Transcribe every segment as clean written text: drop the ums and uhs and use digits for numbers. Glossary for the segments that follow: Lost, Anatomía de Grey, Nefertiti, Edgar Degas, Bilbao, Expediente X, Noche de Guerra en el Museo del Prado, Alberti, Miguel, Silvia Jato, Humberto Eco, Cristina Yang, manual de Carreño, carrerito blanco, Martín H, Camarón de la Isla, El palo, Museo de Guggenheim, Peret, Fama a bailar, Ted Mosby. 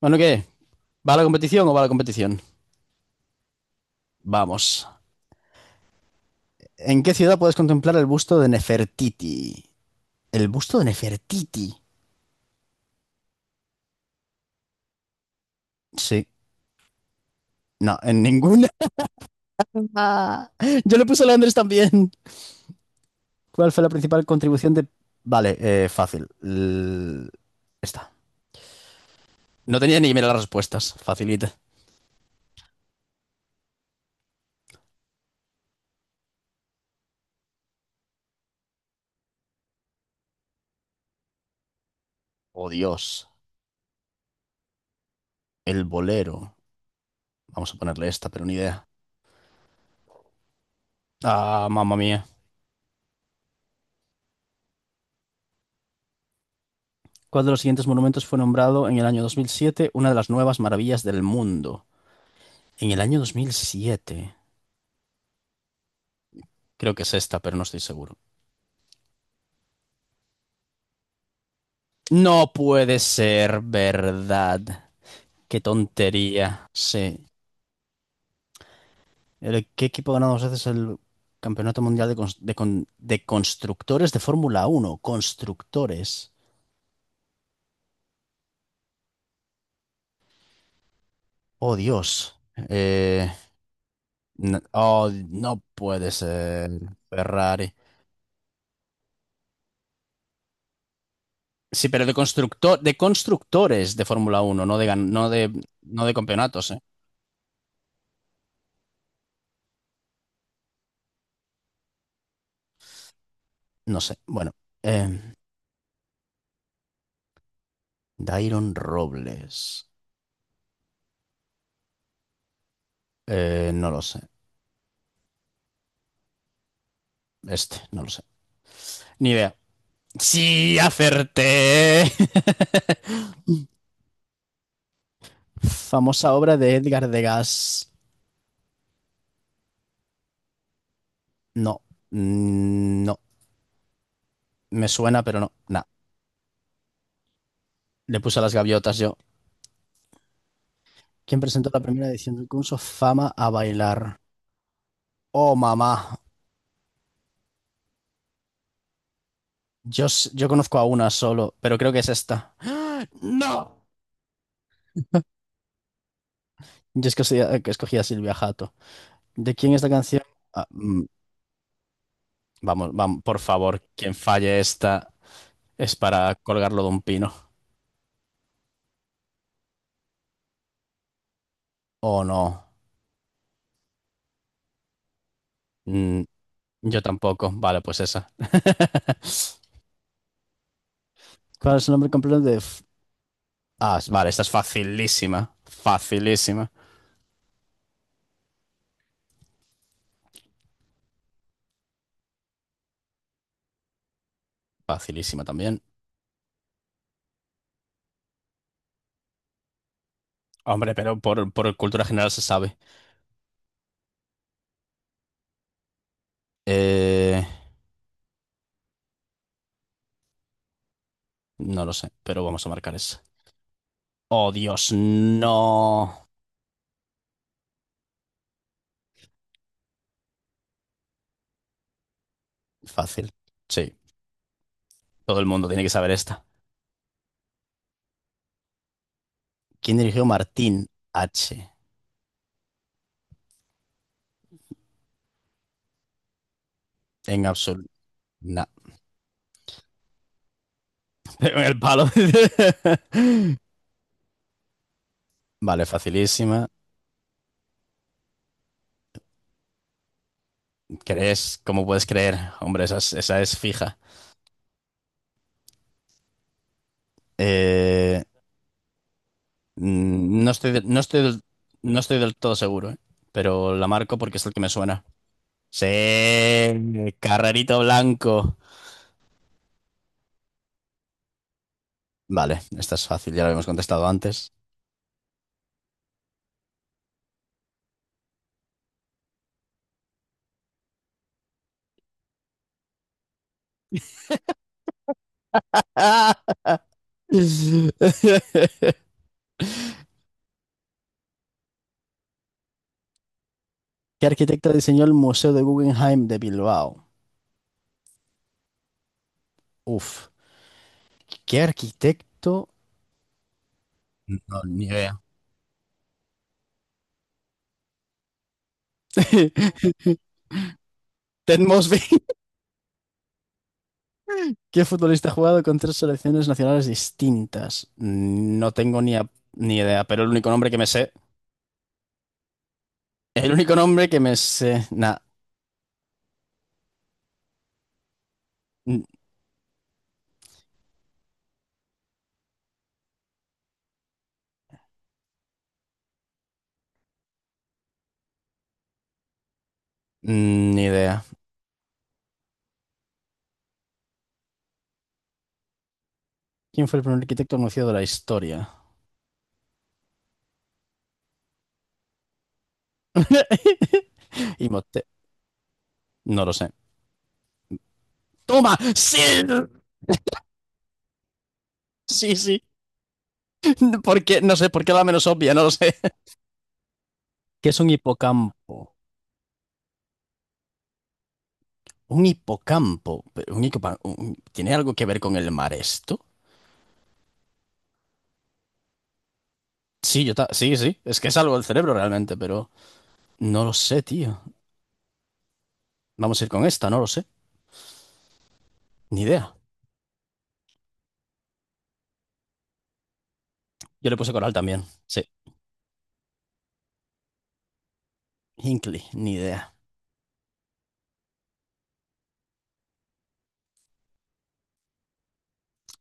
Bueno, ¿qué? ¿Va a la competición o va a la competición? Vamos. ¿En qué ciudad puedes contemplar el busto de Nefertiti? ¿El busto de Nefertiti? Sí. No, en ninguna. Ah, yo le puse a Leandres también. ¿Cuál fue la principal contribución de...? Vale, fácil. Esta. No tenía ni que mirar las respuestas. Facilita. Oh, Dios. El bolero. Vamos a ponerle esta, pero ni idea. Ah, mamma mía. ¿Cuál de los siguientes monumentos fue nombrado en el año 2007 una de las nuevas maravillas del mundo? En el año 2007, creo que es esta, pero no estoy seguro. No puede ser verdad. Qué tontería. Sí. ¿Qué equipo ha ganado dos veces el Campeonato Mundial de Constructores de Fórmula Uno? Constructores. Oh, Dios. Eh, no, oh, no puede ser Ferrari. Sí, pero de constructor, de constructores de Fórmula Uno, no de campeonatos, ¿eh? No sé. Bueno. eh, Dairon Robles. No lo sé. Este, no lo sé. Ni idea. Sí, acerté. Famosa obra de Edgar Degas. No, no. Me suena, pero no. Nah. Le puse a las gaviotas yo. ¿Quién presentó la primera edición del concurso Fama a bailar? Oh, mamá. Yo conozco a una solo, pero creo que es esta. ¡Ah! ¡No! Yo es que, escogí a Silvia Jato. ¿De quién es la canción? Ah. Vamos, vamos, por favor, quien falle esta es para colgarlo de un pino. Oh, no. Mm, yo tampoco. Vale, pues esa. ¿Cuál es el nombre completo de...? Ah, vale, esta es facilísima. Facilísima. Facilísima también. Hombre, pero por cultura general se sabe. Eh, no lo sé, pero vamos a marcar esa. Oh, Dios, no. Fácil. Sí, todo el mundo tiene que saber esta. ¿Quién dirigió Martín H? En absoluto. Pero el palo. Vale, facilísima. ¿Crees? ¿Cómo puedes creer? Hombre, esa es fija. Eh, mm, no estoy, de- no estoy, del- no estoy del todo seguro, ¿eh? Pero la marco porque es el que me suena. Sí, carrerito blanco. Vale, esta es fácil, ya lo habíamos contestado antes. ¡Ah! ¿Qué arquitecto diseñó el Museo de Guggenheim de Bilbao? Uf, ¿qué arquitecto? No, ni idea. Ted Mosby. ¿Qué futbolista ha jugado con tres selecciones nacionales distintas? No tengo ni idea, pero el único nombre que me sé. El único nombre que me sé. Nah, n- ni idea. ¿Quién fue el primer arquitecto anunciado de la historia? Y Mote- No lo sé. ¡Toma! ¡Sí! Sí, sí. ¿Por qué? No sé, ¿por qué la menos obvia? No lo sé. ¿Qué es un hipocampo? Un hipocampo. Pero ¿tiene algo que ver con el mar esto? Sí, sí, sí. Es que es algo del cerebro realmente, pero. No lo sé, tío. Vamos a ir con esta, no lo sé. Ni idea. Yo le puse Coral también. Sí. Hinkley, ni idea.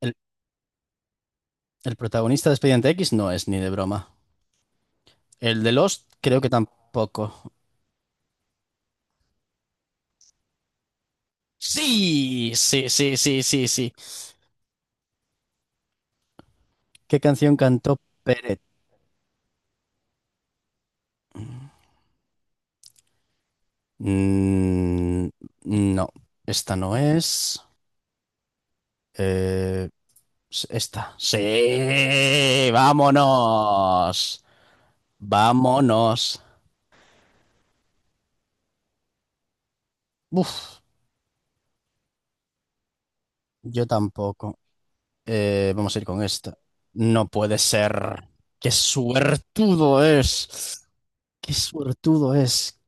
El, el protagonista de Expediente X no es ni de broma. El de Lost creo que tampoco. Sí, sí, sí, sí, sí, sí. ¿Qué canción cantó Peret? Mm, no, esta no es. Eh, Esta. Sí, vámonos. Vámonos. Uf, yo tampoco. Vamos a ir con esta. No puede ser. ¡Qué suertudo es! ¡Qué suertudo es!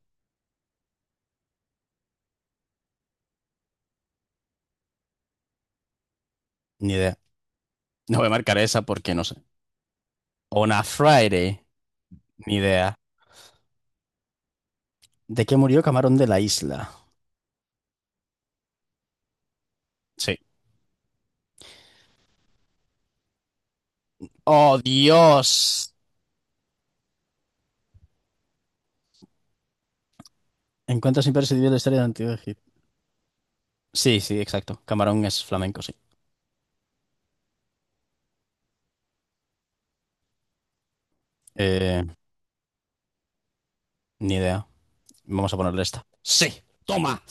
Ni idea. No voy a marcar esa porque no sé. On a Friday. Ni idea. ¿De qué murió Camarón de la Isla? Sí. ¡Oh, Dios! Encuentros imprescindibles de la historia de la Egipto. Sí, sí, exacto. Camarón es flamenco, sí. Eh, Ni idea. Vamos a ponerle esta. ¡Sí! ¡Toma!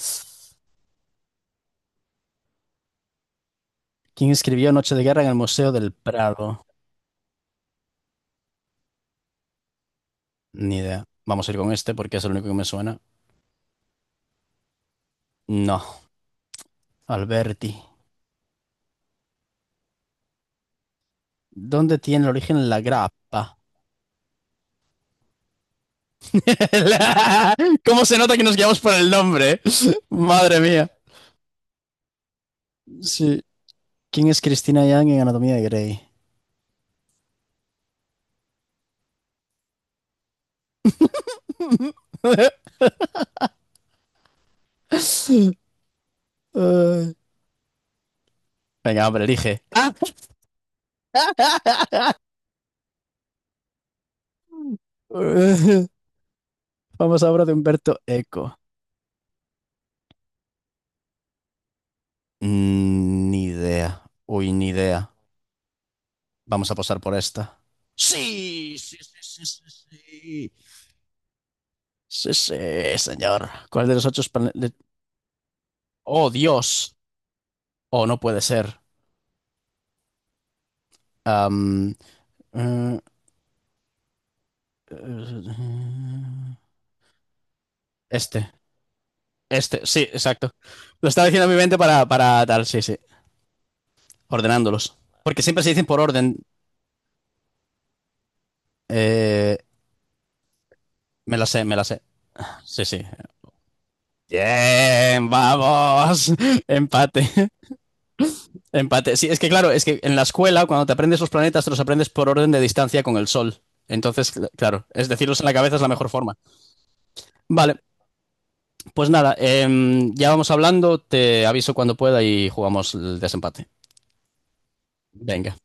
¿Quién escribió Noche de Guerra en el Museo del Prado? Ni idea. Vamos a ir con este porque es el único que me suena. No, Alberti. ¿Dónde tiene origen la grappa? La- ¿Cómo se nota que nos guiamos por el nombre? Madre mía. Sí. ¿Quién es Cristina Yang en Anatomía de Grey? Ay. Venga, hombre, elige. Ah. Vamos a obra de Humberto Eco. Ni idea. Uy, ni idea. Vamos a posar por esta. Sí, sí, sí, sí, sí, sí. Sí, sí, señor. ¿Cuál de los ocho paneles? ¡Oh, Dios! O no puede ser. Am, eh, eh, este. Este, sí, exacto. Lo estaba diciendo en mi mente para tal, sí, sí. Ordenándolos. Porque siempre se dicen por orden. Eh, Me la sé, me la sé. Sí, sí. Bien, vamos. Empate, empate. Sí, es que claro, es que en la escuela, cuando te aprendes los planetas, te los aprendes por orden de distancia con el Sol. Entonces, claro, es decirlos en la cabeza es la mejor forma. Vale. Pues nada, ya vamos hablando, te aviso cuando pueda y jugamos el desempate. Venga.